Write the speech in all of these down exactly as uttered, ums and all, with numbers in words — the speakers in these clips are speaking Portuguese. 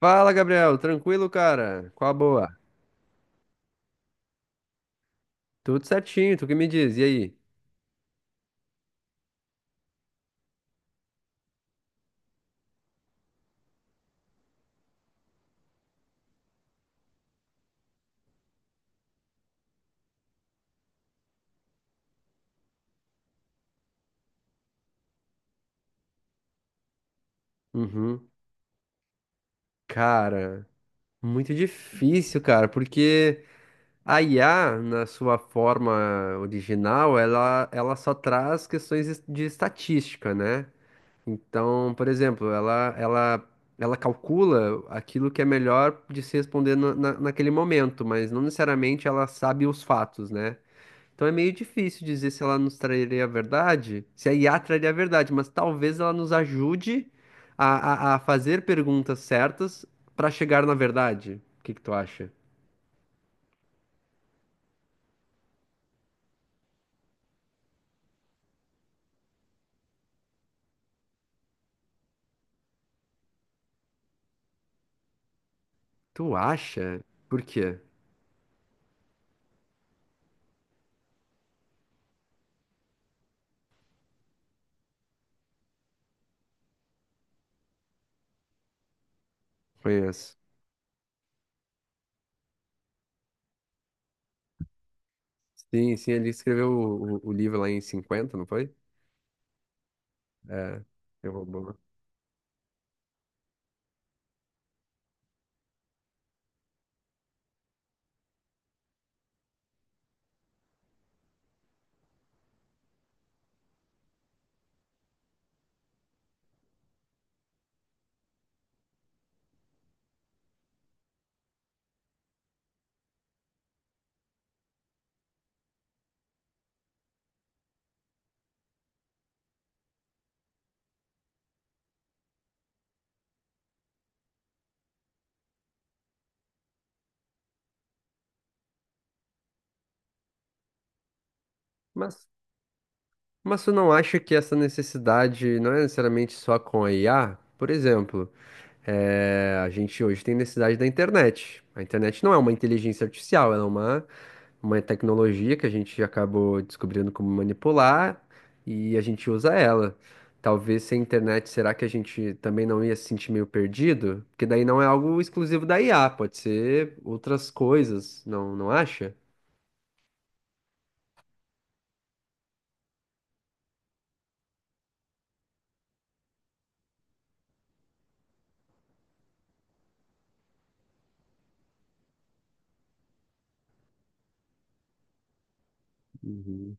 Fala, Gabriel. Tranquilo, cara? Qual a boa? Tudo certinho, tu que me diz. E aí? Uhum. Cara, muito difícil, cara, porque a I A, na sua forma original, ela, ela só traz questões es- de estatística, né? Então, por exemplo, ela, ela, ela calcula aquilo que é melhor de se responder na, na- naquele momento, mas não necessariamente ela sabe os fatos, né? Então é meio difícil dizer se ela nos traria a verdade, se a I A traria a verdade, mas talvez ela nos ajude a, a, a fazer perguntas certas para chegar na verdade. O que que tu acha? Tu acha? Por quê? Conheço. Sim, sim, ele escreveu o, o- o livro lá em cinquenta, não foi? É, eu roubo, né? Mas, mas tu não acha que essa necessidade não é necessariamente só com a I A? Por exemplo. É, a gente hoje tem necessidade da internet. A internet não é uma inteligência artificial, ela é uma, uma tecnologia que a gente acabou descobrindo como manipular e a gente usa ela. Talvez sem internet, será que a gente também não ia se sentir meio perdido? Porque daí não é algo exclusivo da I A, pode ser outras coisas, não, não acha? Uhum.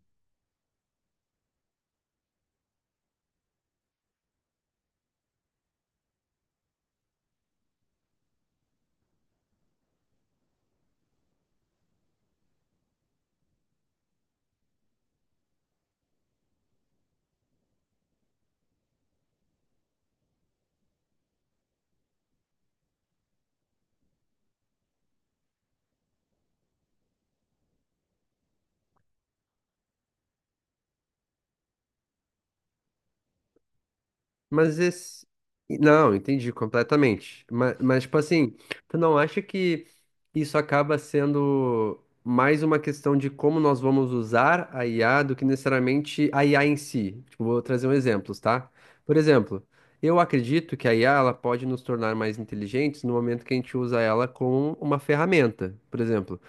Mas esse. Não, entendi completamente. Mas, mas, tipo assim, tu não acha que isso acaba sendo mais uma questão de como nós vamos usar a I A do que necessariamente a I A em si? Tipo, vou trazer um exemplo, tá? Por exemplo, eu acredito que a I A ela pode nos tornar mais inteligentes no momento que a gente usa ela como uma ferramenta. Por exemplo,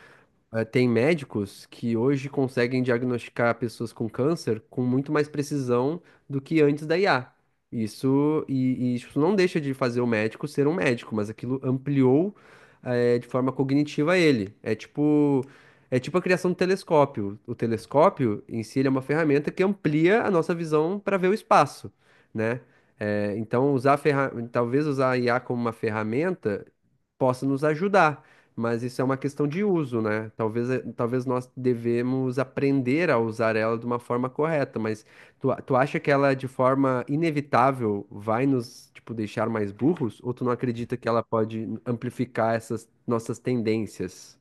eh, tem médicos que hoje conseguem diagnosticar pessoas com câncer com muito mais precisão do que antes da I A. Isso, e, e isso não deixa de fazer o médico ser um médico, mas aquilo ampliou, eh, de forma cognitiva ele. É tipo, é tipo a criação do telescópio. O telescópio em si ele é uma ferramenta que amplia a nossa visão para ver o espaço, né? Eh, então usar a ferra... talvez usar a I A como uma ferramenta possa nos ajudar, mas isso é uma questão de uso, né? Talvez, eh, talvez nós devemos aprender a usar ela de uma forma correta, mas tu, a- tu acha que ela, de forma inevitável, vai nos, tipo, deixar mais burros? Ou tu não acredita que ela pode amplificar essas nossas tendências?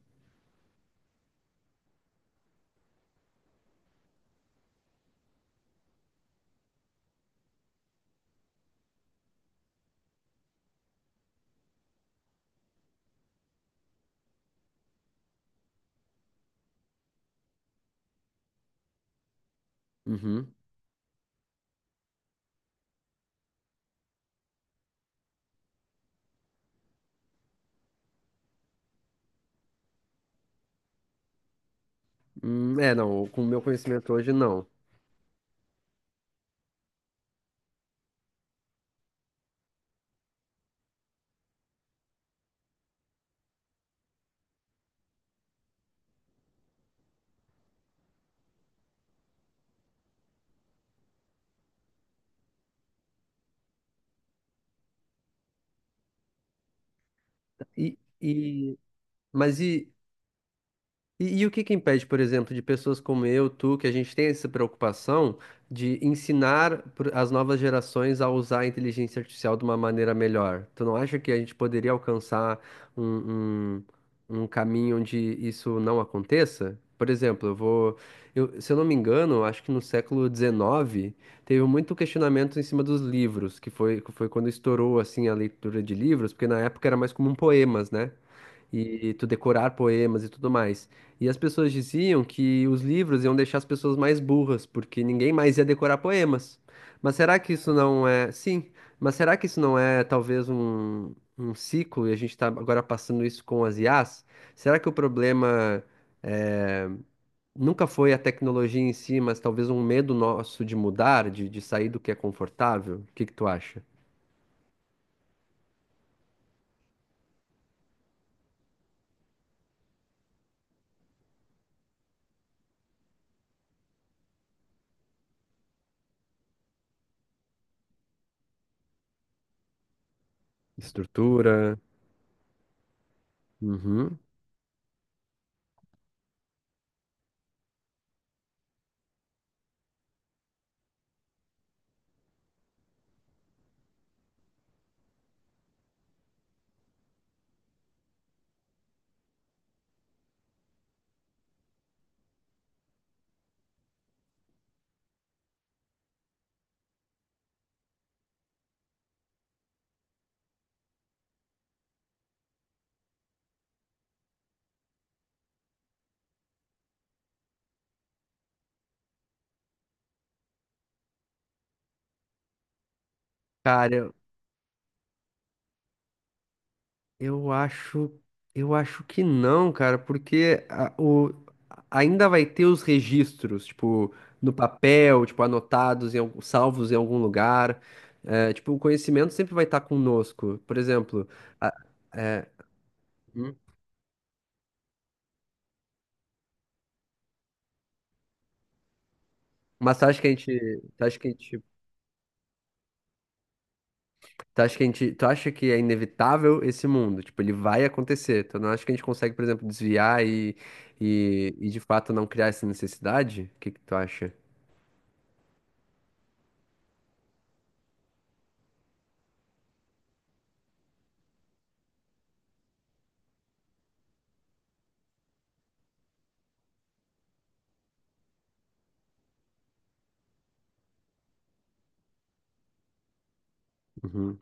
Uhum. Hum, é, não, com o meu conhecimento hoje, não. E, e, mas e, E, e o que que impede, por exemplo, de pessoas como eu, tu, que a gente tem essa preocupação de ensinar pro- as novas gerações a usar a inteligência artificial de uma maneira melhor? Tu não acha que a gente poderia alcançar um, um, um caminho onde isso não aconteça? Por exemplo, eu vou, eu- se eu não me engano, acho que no século dezenove teve muito questionamento em cima dos livros, que foi, que foi quando estourou assim a leitura de livros, porque na época era mais comum poemas, né? E tu decorar poemas e tudo mais. E as pessoas diziam que os livros iam deixar as pessoas mais burras, porque ninguém mais ia decorar poemas. Mas será que isso não é. Sim, mas será que isso não é talvez um, um ciclo e a gente está agora passando isso com as I As? Será que o problema é, nunca foi a tecnologia em si, mas talvez um medo nosso de mudar, de, de sair do que é confortável? O que que tu acha? Estrutura. Uhum. Cara, Eu acho, eu acho que não, cara, porque a- o, ainda vai ter os registros, tipo, no papel, tipo, anotados, em, al- salvos em algum lugar. É, tipo, o conhecimento sempre vai estar conosco. Por exemplo, a- é, hum, mas tu acha que a gente, tu acha que a gente, tu acha que a gente, tu acha que é inevitável esse mundo? Tipo, ele vai acontecer. Tu não acha que a gente consegue, por exemplo, desviar e, e, e de fato não criar essa necessidade? O que que tu acha? Uhum.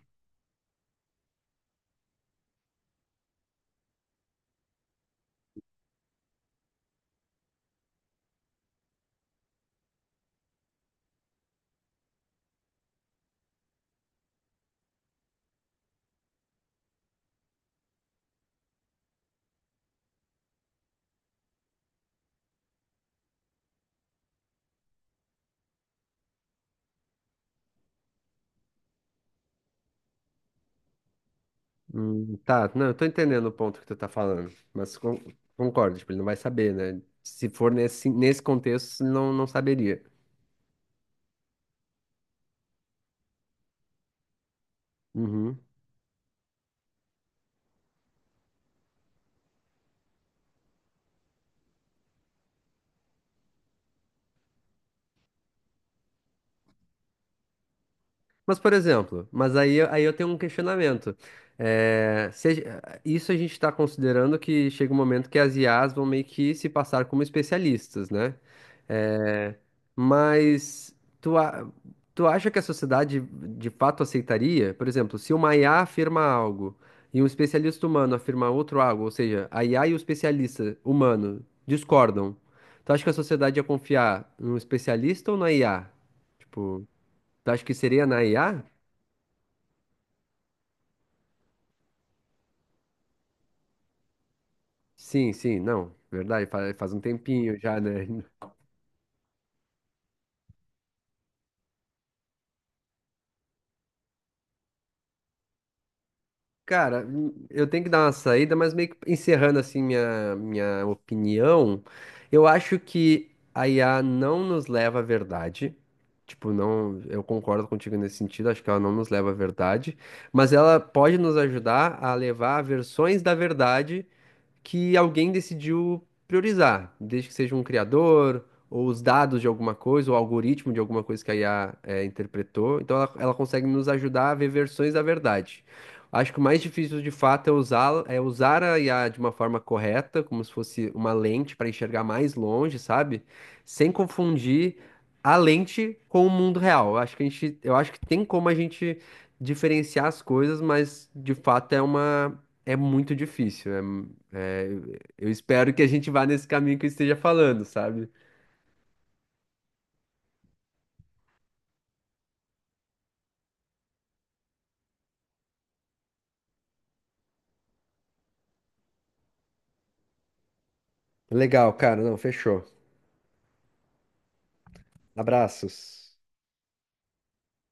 Hum, tá, não, eu tô entendendo o ponto que tu tá falando, mas con- concordo, tipo, ele não vai saber, né? Se for nesse, nesse contexto, não, não saberia. Uhum. Mas, por exemplo, mas aí, eu- aí eu tenho um questionamento. É, se a ge- isso a gente está considerando que chega um momento que as I As vão meio que se passar como especialistas, né? É, mas tu, a- tu acha que a sociedade de fato aceitaria? Por exemplo, se uma I A afirma algo e um especialista humano afirma outro algo, ou seja, a I A e o especialista humano discordam, tu acha que a sociedade ia confiar no especialista ou na I A? Tipo, tu acha que seria na I A? Sim, sim, não, verdade, faz, faz um tempinho já, né? Cara, hum, eu tenho que dar uma saída, mas meio que encerrando assim minha, minha opinião, eu acho que a I A não nos leva à verdade. Tipo, não, eu concordo contigo nesse sentido, acho que ela não nos leva à verdade, mas ela pode nos ajudar a levar a versões da verdade que alguém decidiu priorizar, desde que seja um criador, ou os dados de alguma coisa, ou o algoritmo de alguma coisa que a I A eh, interpretou. Então ela, ela consegue nos ajudar a ver versões da verdade. Acho que o mais difícil de fato é usá-la, é usar a I A de uma forma correta, como se fosse uma lente para enxergar mais longe, sabe? Sem confundir a lente com o mundo real. Eu Acho que a gente, eu acho que tem como a gente diferenciar as coisas, mas de fato é uma, é muito difícil. É é, eu espero que a gente vá nesse caminho que eu esteja falando, sabe? Legal, cara. Não, fechou. Abraços.